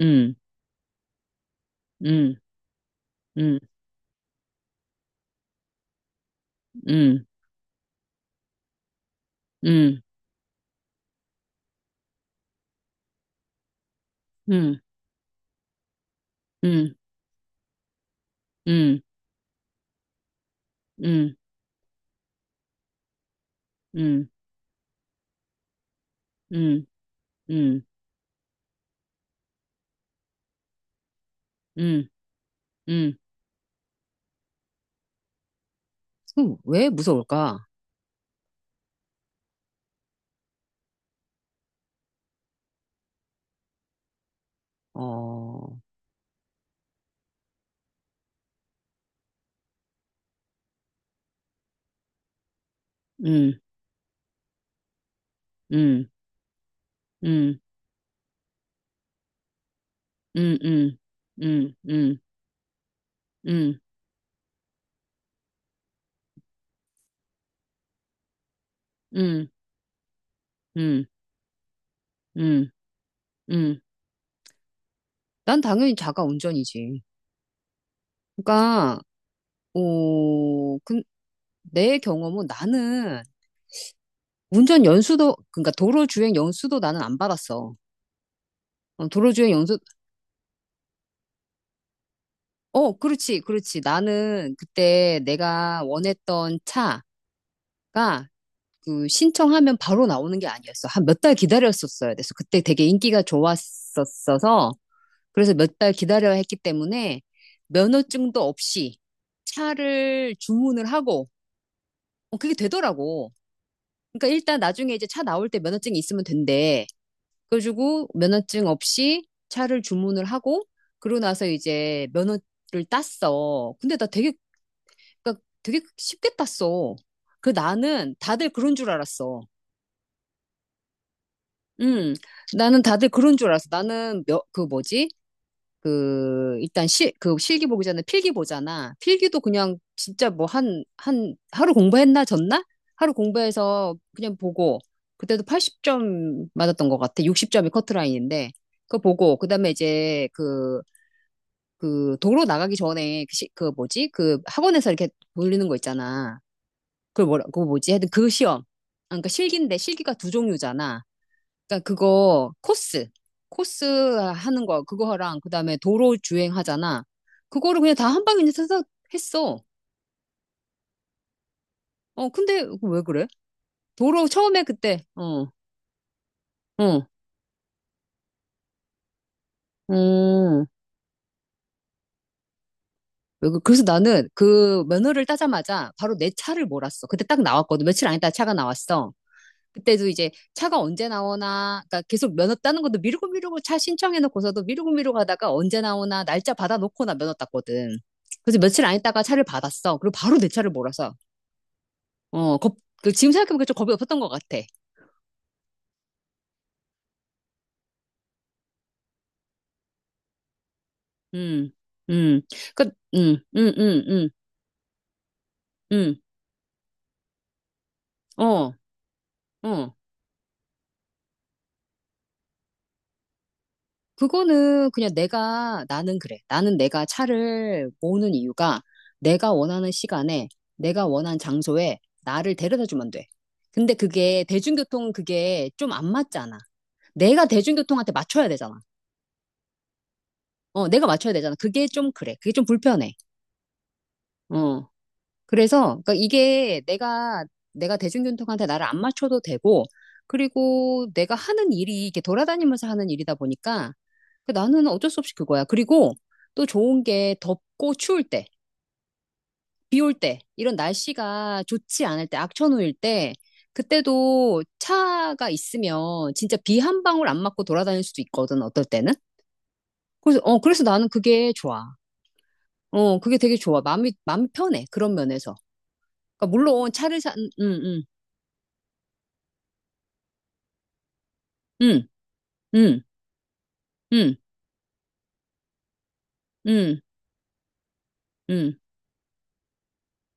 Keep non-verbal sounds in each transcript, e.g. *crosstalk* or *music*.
음, 음, 음, 음, 음, 음, 음, 음, 음, 음, 음, 음, 음, 음. 그럼 왜 무서울까? 어, 음, 음, 음, 음, 음, 음, 음, 음, 음, 음, 음, 음. 난 당연히 자가 운전이지. 그러니까, 오, 그, 내 경험은 나는 운전 연수도, 그러니까 도로주행 연수도 나는 안 받았어. 어, 도로주행 연수도. 어, 그렇지, 그렇지. 나는 그때 내가 원했던 차가 그 신청하면 바로 나오는 게 아니었어. 한 몇 달 기다렸었어야 돼서 그때 되게 인기가 좋았었어서 그래서 몇 달 기다려야 했기 때문에 면허증도 없이 차를 주문을 하고, 어, 그게 되더라고. 그러니까 일단 나중에 이제 차 나올 때 면허증이 있으면 된대. 그래가지고 면허증 없이 차를 주문을 하고 그러고 나서 이제 면허 를 땄어. 근데 나 되게, 그러니까 되게 쉽게 땄어. 그 나는 다들 그런 줄 알았어. 음, 나는 다들 그런 줄 알았어. 나는 몇, 그 뭐지? 그, 일단 그 실기 보기 전에 필기 보잖아. 필기도 그냥 진짜 뭐 하루 공부했나, 졌나? 하루 공부해서 그냥 보고, 그때도 80점 맞았던 것 같아. 60점이 커트라인인데. 그거 보고, 그 다음에 이제 그, 그 도로 나가기 전에 그, 그 뭐지? 그 학원에서 이렇게 돌리는 거 있잖아. 그 뭐라 그거 뭐지? 하여튼 그 시험. 아, 그러니까 실기인데 실기가 두 종류잖아. 그러니까 그거 코스 하는 거 그거랑 그다음에 도로 주행하잖아. 그거를 그냥 다 한 방에 그냥 서서 했어. 어, 근데 왜 그래? 도로 처음에 그때 어, 어. 음. 왜 그래서 나는 그 면허를 따자마자 바로 내 차를 몰았어. 그때 딱 나왔거든. 며칠 안 있다 차가 나왔어. 그때도 이제 차가 언제 나오나, 그러니까 계속 면허 따는 것도 미루고 미루고 차 신청해놓고서도 미루고 미루고 하다가 언제 나오나 날짜 받아놓고 나 면허 땄거든. 그래서 며칠 안 있다가 차를 받았어. 그리고 바로 내 차를 몰아서. 어, 겁, 그 지금 생각해보니까 좀 겁이 없었던 것 같아. 음, 음, 그, 음, 어, 어. 그거는 그냥 나는 그래. 나는 내가 차를 모으는 이유가 내가 원하는 시간에, 내가 원하는 장소에 나를 데려다 주면 돼. 근데 그게, 대중교통은 그게 좀 안 맞잖아. 내가 대중교통한테 맞춰야 되잖아. 어, 내가 맞춰야 되잖아. 그게 좀 그래. 그게 좀 불편해. 어. 그래서, 그러니까 이게 내가 대중교통한테 나를 안 맞춰도 되고, 그리고 내가 하는 일이 이렇게 돌아다니면서 하는 일이다 보니까 그 나는 어쩔 수 없이 그거야. 그리고 또 좋은 게 덥고 추울 때, 비 올 때, 이런 날씨가 좋지 않을 때, 악천후일 때, 그때도 차가 있으면 진짜 비 한 방울 안 맞고 돌아다닐 수도 있거든, 어떨 때는. 그래서, 그래서 나는 그게 좋아. 어, 그게 되게 좋아. 마음이 편해. 그런 면에서. 그러니까 물론 차를 산, 음, 음, 음, 음, 음, 음, 음,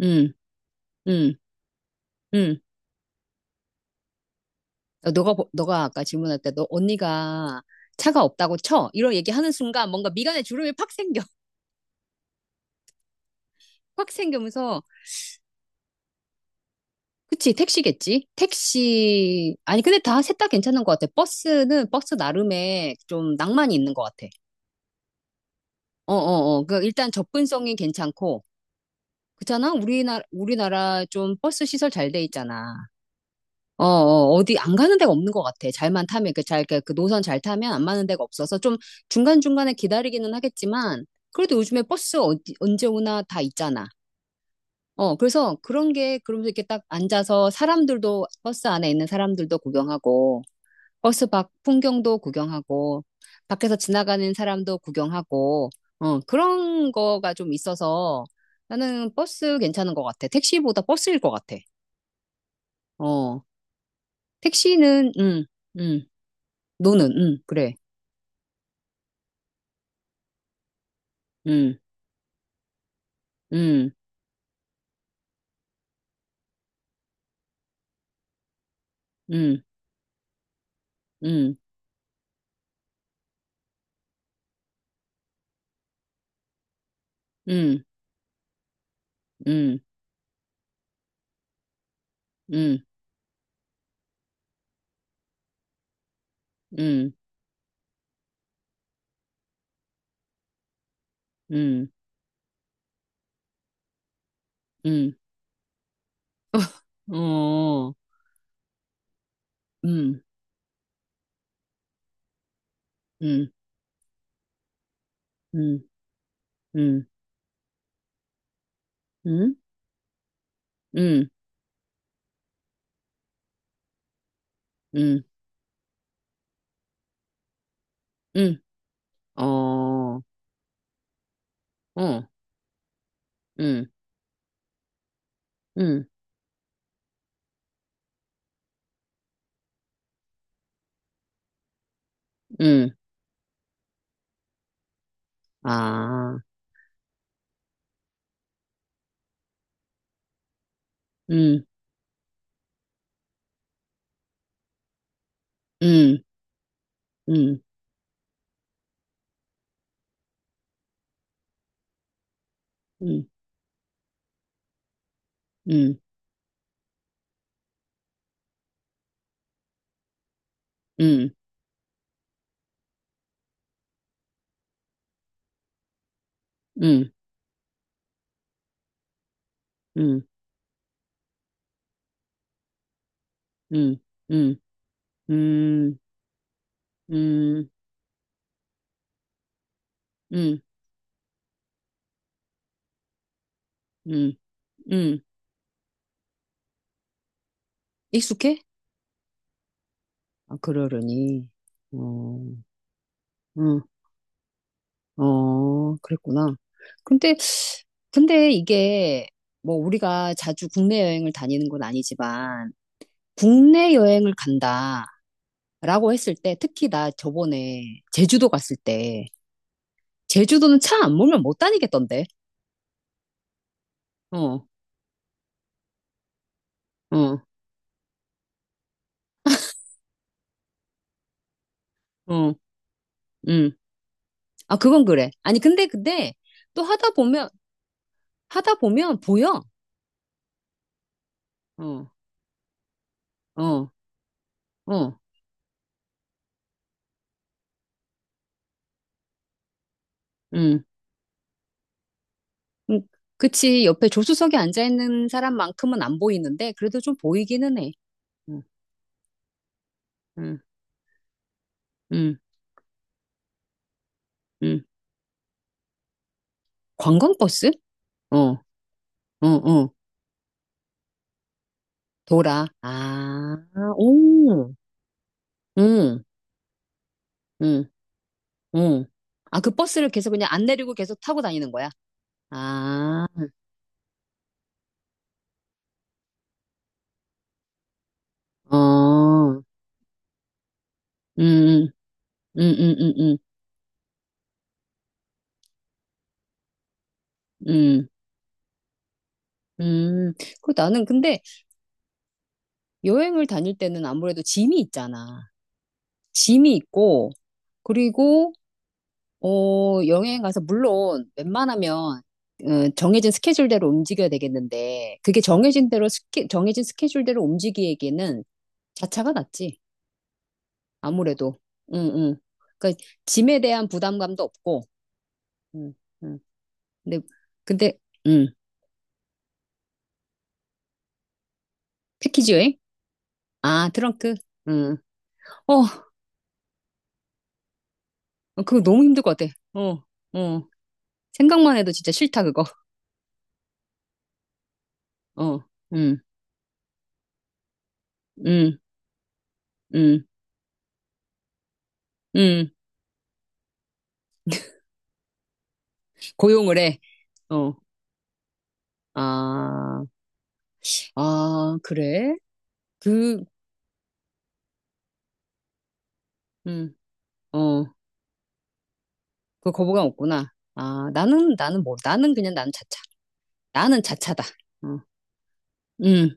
음, 음, 음, 음. 어, 너가 아까 질문할 때 너 언니가 차가 없다고 쳐. 이런 얘기하는 순간 뭔가 미간에 주름이 팍 생겨. *laughs* 팍 생기면서. 그치, 택시겠지? 택시. 아니, 근데 셋 다 괜찮은 것 같아. 버스는 버스 나름의 좀 낭만이 있는 것 같아. 어, 어, 어. 그, 일단 접근성이 괜찮고. 그렇잖아? 우리나라 좀 버스 시설 잘 돼 있잖아. 어, 어, 어디 안 가는 데가 없는 것 같아. 잘만 타면, 그 노선 잘 타면 안 가는 데가 없어서 좀 중간중간에 기다리기는 하겠지만, 그래도 요즘에 버스 어디, 언제 오나 다 있잖아. 어, 그래서 그런 게, 그러면서 이렇게 딱 앉아서 사람들도, 버스 안에 있는 사람들도 구경하고, 버스 밖 풍경도 구경하고, 밖에서 지나가는 사람도 구경하고, 어, 그런 거가 좀 있어서 나는 버스 괜찮은 것 같아. 택시보다 버스일 것 같아. 어, 택시는, 음. 너는, 응, 그래. 응, 응, 응, 응, 응, 응, 응, 응, 응, 응, 어, 응, 응, 응, 응, 응, 응, 응, 응, 어, 어, 응, 응, 응, 아, 응, 응, 응, 응, 응, 응, 응, 응, 응, 응, 응, 응, 응, 응, 응. 익숙해? 아, 그러려니. 어, 응. 어, 그랬구나. 근데, 근데 이게 뭐 우리가 자주 국내 여행을 다니는 건 아니지만 국내 여행을 간다라고 했을 때 특히 나 저번에 제주도 갔을 때 제주도는 차 안 몰면 못 다니겠던데. 어, 어, 어, 음. 아, 그건 그래. 아니, 근데 또 하다 보면 보여. 어, 어, 어, 음. 음, 그치. 옆에 조수석에 앉아있는 사람만큼은 안 보이는데 그래도 좀 보이기는 해. 음, 음, 음, 음. 관광버스? 어, 어, 어. 돌아. 아, 오, 응, 응, 응. 아, 그 버스를 계속 그냥 안 내리고 계속 타고 다니는 거야? 아, 어, 음, 음, 음, 음, 음, 음. 그 나는 근데 여행을 다닐 때는 아무래도 짐이 있잖아. 짐이 있고, 그리고 어, 여행 가서, 물론, 웬만하면, 어, 정해진 스케줄대로 움직여야 되겠는데, 그게 정해진 스케줄대로 움직이기에는 자차가 낫지. 아무래도. 응, 응. 그러니까, 짐에 대한 부담감도 없고, 응, 응. 근데, 근데, 응. 패키지 여행? 아, 트렁크? 응. 어, 그거 너무 힘들 것 같아. 어, 어. 생각만 해도 진짜 싫다, 그거. 어, 응, 응, 응, 응. 고용을 해. 어, 아. 아, 그래? 그, 음, 어, 그 거부감 없구나. 아, 나는 뭐, 나는 그냥 나는 자차. 나는 자차다. 어, 음.